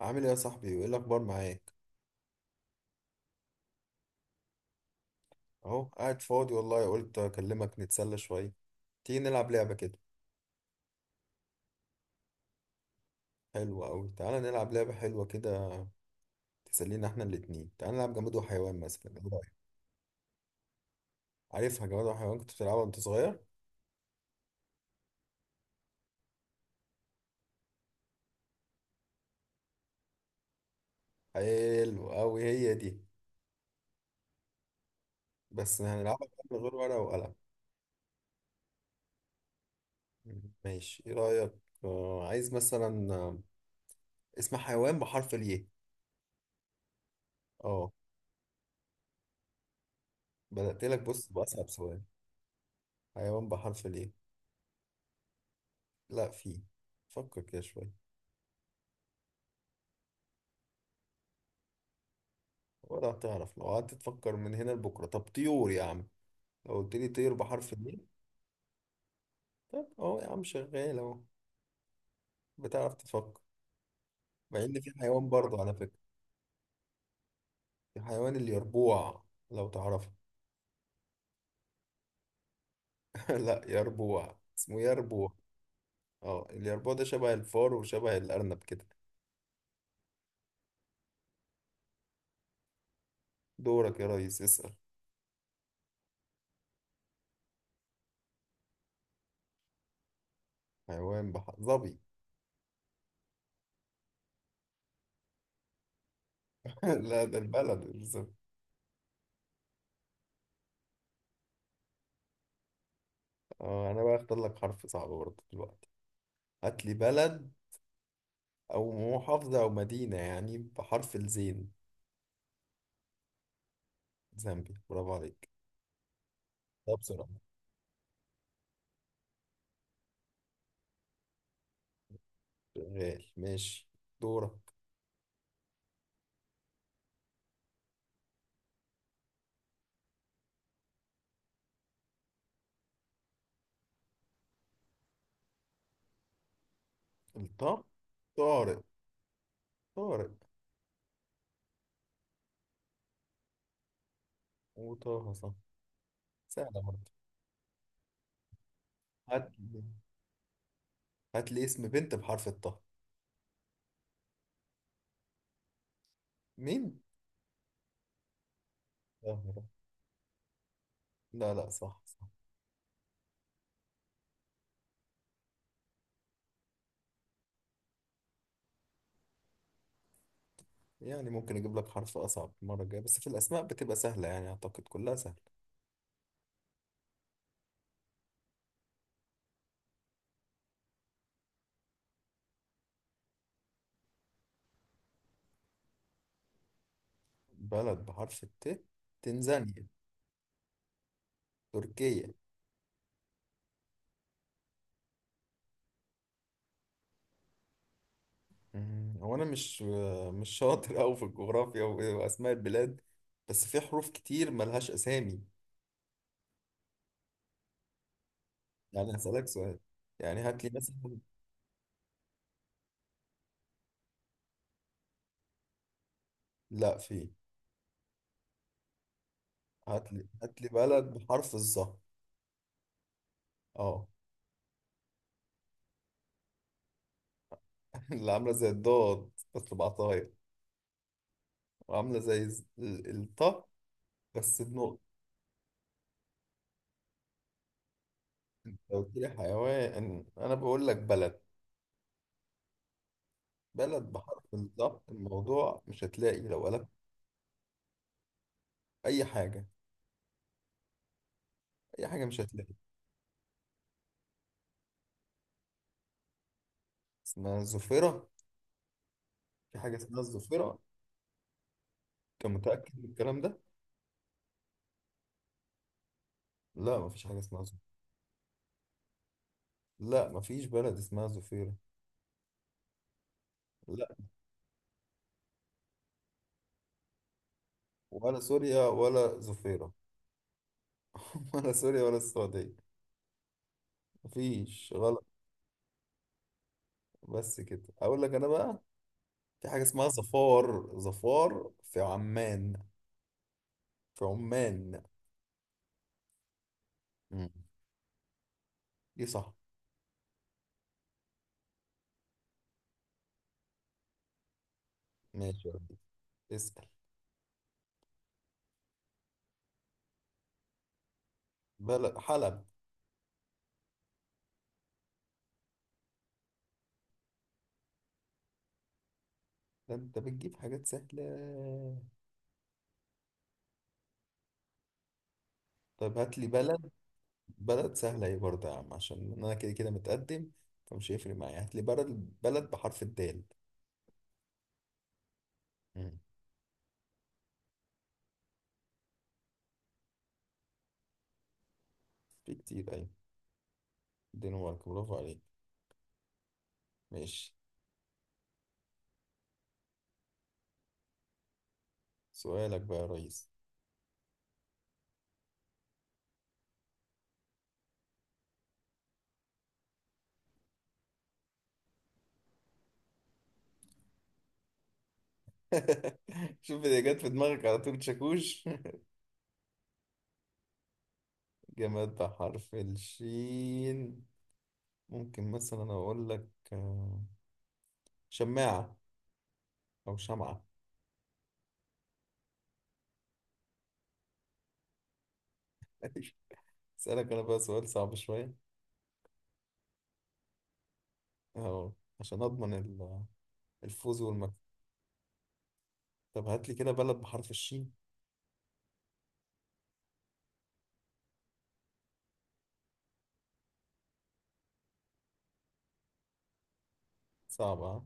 عامل ايه يا صاحبي، وايه الاخبار معاك؟ اهو قاعد فاضي والله، قلت اكلمك نتسلى شويه. تيجي نلعب لعبه كده؟ حلوه قوي، تعالى نلعب لعبه حلوه كده تسلينا احنا الاتنين. تعالى نلعب جماد وحيوان مثلا، إيه رأيك؟ عارفها جماد وحيوان، كنت بتلعبها وانت صغير. حلو قوي هي دي، بس هنلعبها بقى من غير ورقه وقلم. ماشي، ايه رايك؟ عايز مثلا اسم حيوان بحرف الياء. اه، بدأت لك بص بأصعب سؤال. حيوان بحرف الياء؟ لا فيه، فكر كده شويه. ولا هتعرف لو قعدت تفكر من هنا لبكره. طب طيور يا عم، لو قلت لي طير بحرف النيل. طب اهو يا عم، شغال اهو، بتعرف تفكر. مع ان في حيوان برضه على فكره، الحيوان اليربوع، لو تعرفه. لا، يربوع اسمه يربوع. اه، اليربوع ده شبه الفار وشبه الارنب كده. دورك يا ريس، اسال. حيوان بحر ظبي. لا، ده البلد الظبي. اه، انا بقى اختار لك حرف صعب برضه دلوقتي. هات لي بلد او محافظه او مدينه يعني بحرف الزين. زامبيا؟ برافو عليك. لا بصراحة، شغال، ماشي. دورك. الطا؟ طارق. طارق وطه، صح، سهلة برضه. هات لي، هات لي اسم بنت بحرف الطه. مين؟ طاهرة. لا لا، صح صح. يعني ممكن اجيب لك حرف اصعب المرة الجاية، بس في الاسماء بتبقى سهلة يعني، اعتقد كلها سهلة. بلد بحرف الت؟ تنزانيا. تركيا. مم، هو انا مش شاطر أوي في الجغرافيا واسماء البلاد، بس في حروف كتير ملهاش اسامي. يعني هسألك سؤال، يعني هات لي مثلا. لا في. هات لي بلد بحرف الظا. اه. اللي عامله زي الضاد بس بعطايا، وعامله زي الطا، بس بنقطة. انت قلت لي حيوان، انا بقول لك بلد. بلد بحرف الظا، الموضوع مش هتلاقي لو قلبت. اي حاجه، اي حاجه، مش هتلاقي. اسمها الظفيره؟ في حاجه اسمها الظفيره؟ انت متاكد من الكلام ده؟ لا مفيش حاجه اسمها ظفيره. لا مفيش بلد اسمها ظفيره. لا، ولا سوريا ولا ظفيره. ولا سوريا ولا السعوديه. مفيش، غلط. بس كده اقول لك انا بقى، في حاجه اسمها ظفار، ظفار في عمان. في عمان. مم. دي صح. ماشي يا ودي. اسال. بلد، حلب. ده انت بتجيب حاجات سهله. طيب هات لي بلد، بلد سهله ايه برضه يا عم، عشان انا كده كده متقدم فمش هيفرق معايا. هات لي بلد، بلد بحرف الدال. مم. في كتير، ايوه. دنمارك، برافو عليك. ماشي. سؤالك بقى يا ريس. شوف اللي جت في دماغك على طول، شاكوش. جماد بحرف الشين. ممكن مثلا أقول لك شماعة، أو شمعة. أسألك أنا بقى سؤال صعب شوية، أهو عشان أضمن الفوز والمكسب. طب هات لي كده بلد بحرف الشين. صعبة ها؟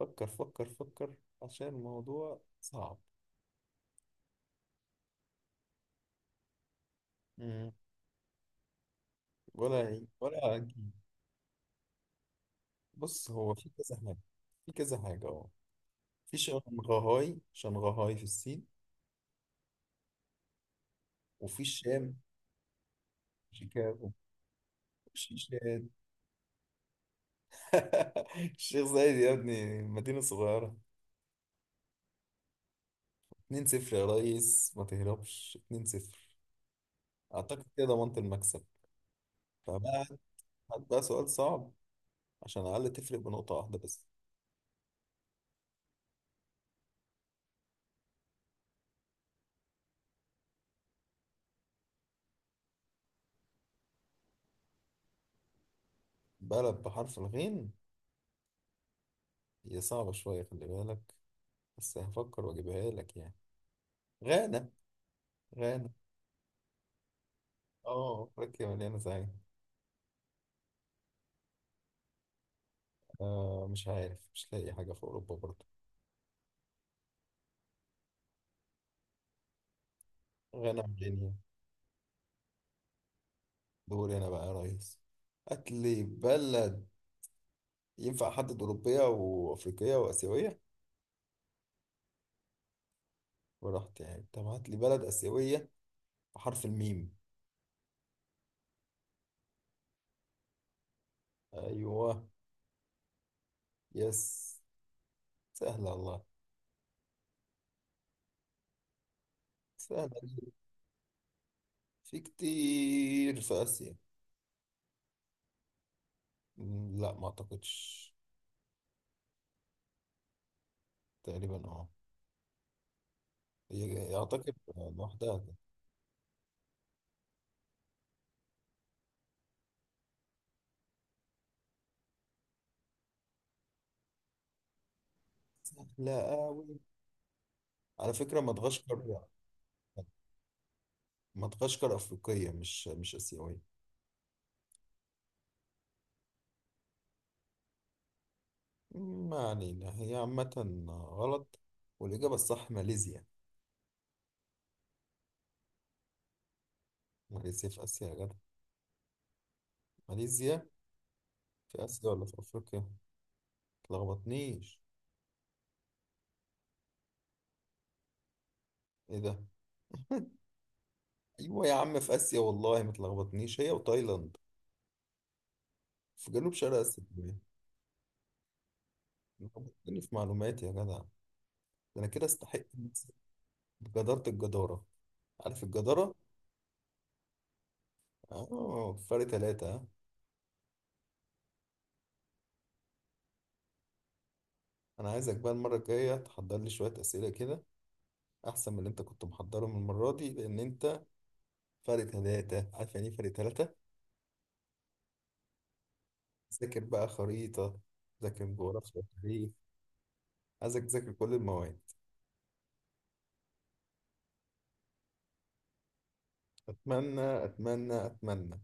فكر فكر فكر، عشان الموضوع صعب. مم. ولا هجيب. بص، هو في كذا حاجة، في كذا حاجة أهو. في شنغهاي، شنغهاي في الصين، وفي الشام. شيكاغو وشيشان. الشيخ زايد يا ابني مدينة صغيرة. 2-0 يا ريس، ما تهربش، 2-0. أعتقد كده ضمنت المكسب، فبقى هات بقى سؤال صعب، عشان على الأقل تفرق بنقطة واحدة بس. بلد بحرف الغين. هي صعبة شوية، خلي بالك، بس هفكر وأجيبها لك يعني. غانا. غانا. اه، أفريقيا مليانة زعيم. آه، مش عارف، مش لاقي حاجة في أوروبا برضه. غانا مليانة. دوري أنا بقى يا ريس. هات لي بلد، ينفع أحدد أوروبية وأفريقية وآسيوية؟ ورحت يعني، طب هات لي بلد آسيوية بحرف الميم. أيوه. يس، سهلة، الله. سهلة دي. في كتير في آسيا. لا، ما أعتقدش. تقريبا أه، أعتقد لوحدها كده. سهلة أوي. على فكرة مدغشقر، مدغشقر أفريقية مش آسيوية. مم، ما علينا هي عامة. غلط، والإجابة الصح ماليزيا. ماليزيا في آسيا يا جدع، ماليزيا في آسيا ولا في أفريقيا؟ متلخبطنيش. إيه ده؟ ايوه يا عم في اسيا، والله ما تلخبطنيش، هي وتايلاند في جنوب شرق اسيا كمان. لخبطتني في معلوماتي يا جدع ده. انا كده استحق نفسي بجدارة، الجدارة، عارف الجدارة؟ اه، فرق تلاتة ها؟ انا عايزك بقى المرة الجاية تحضر لي شوية اسئلة كده، احسن من اللي انت كنت محضرهم المرة دي، لان انت فرق تلاتة، عارف يعني ايه فرق تلاتة؟ ذاكر بقى خريطة، ذاكر جغرافيا وتاريخ، عايزك تذاكر كل المواد. اتمنى اتمنى اتمنى.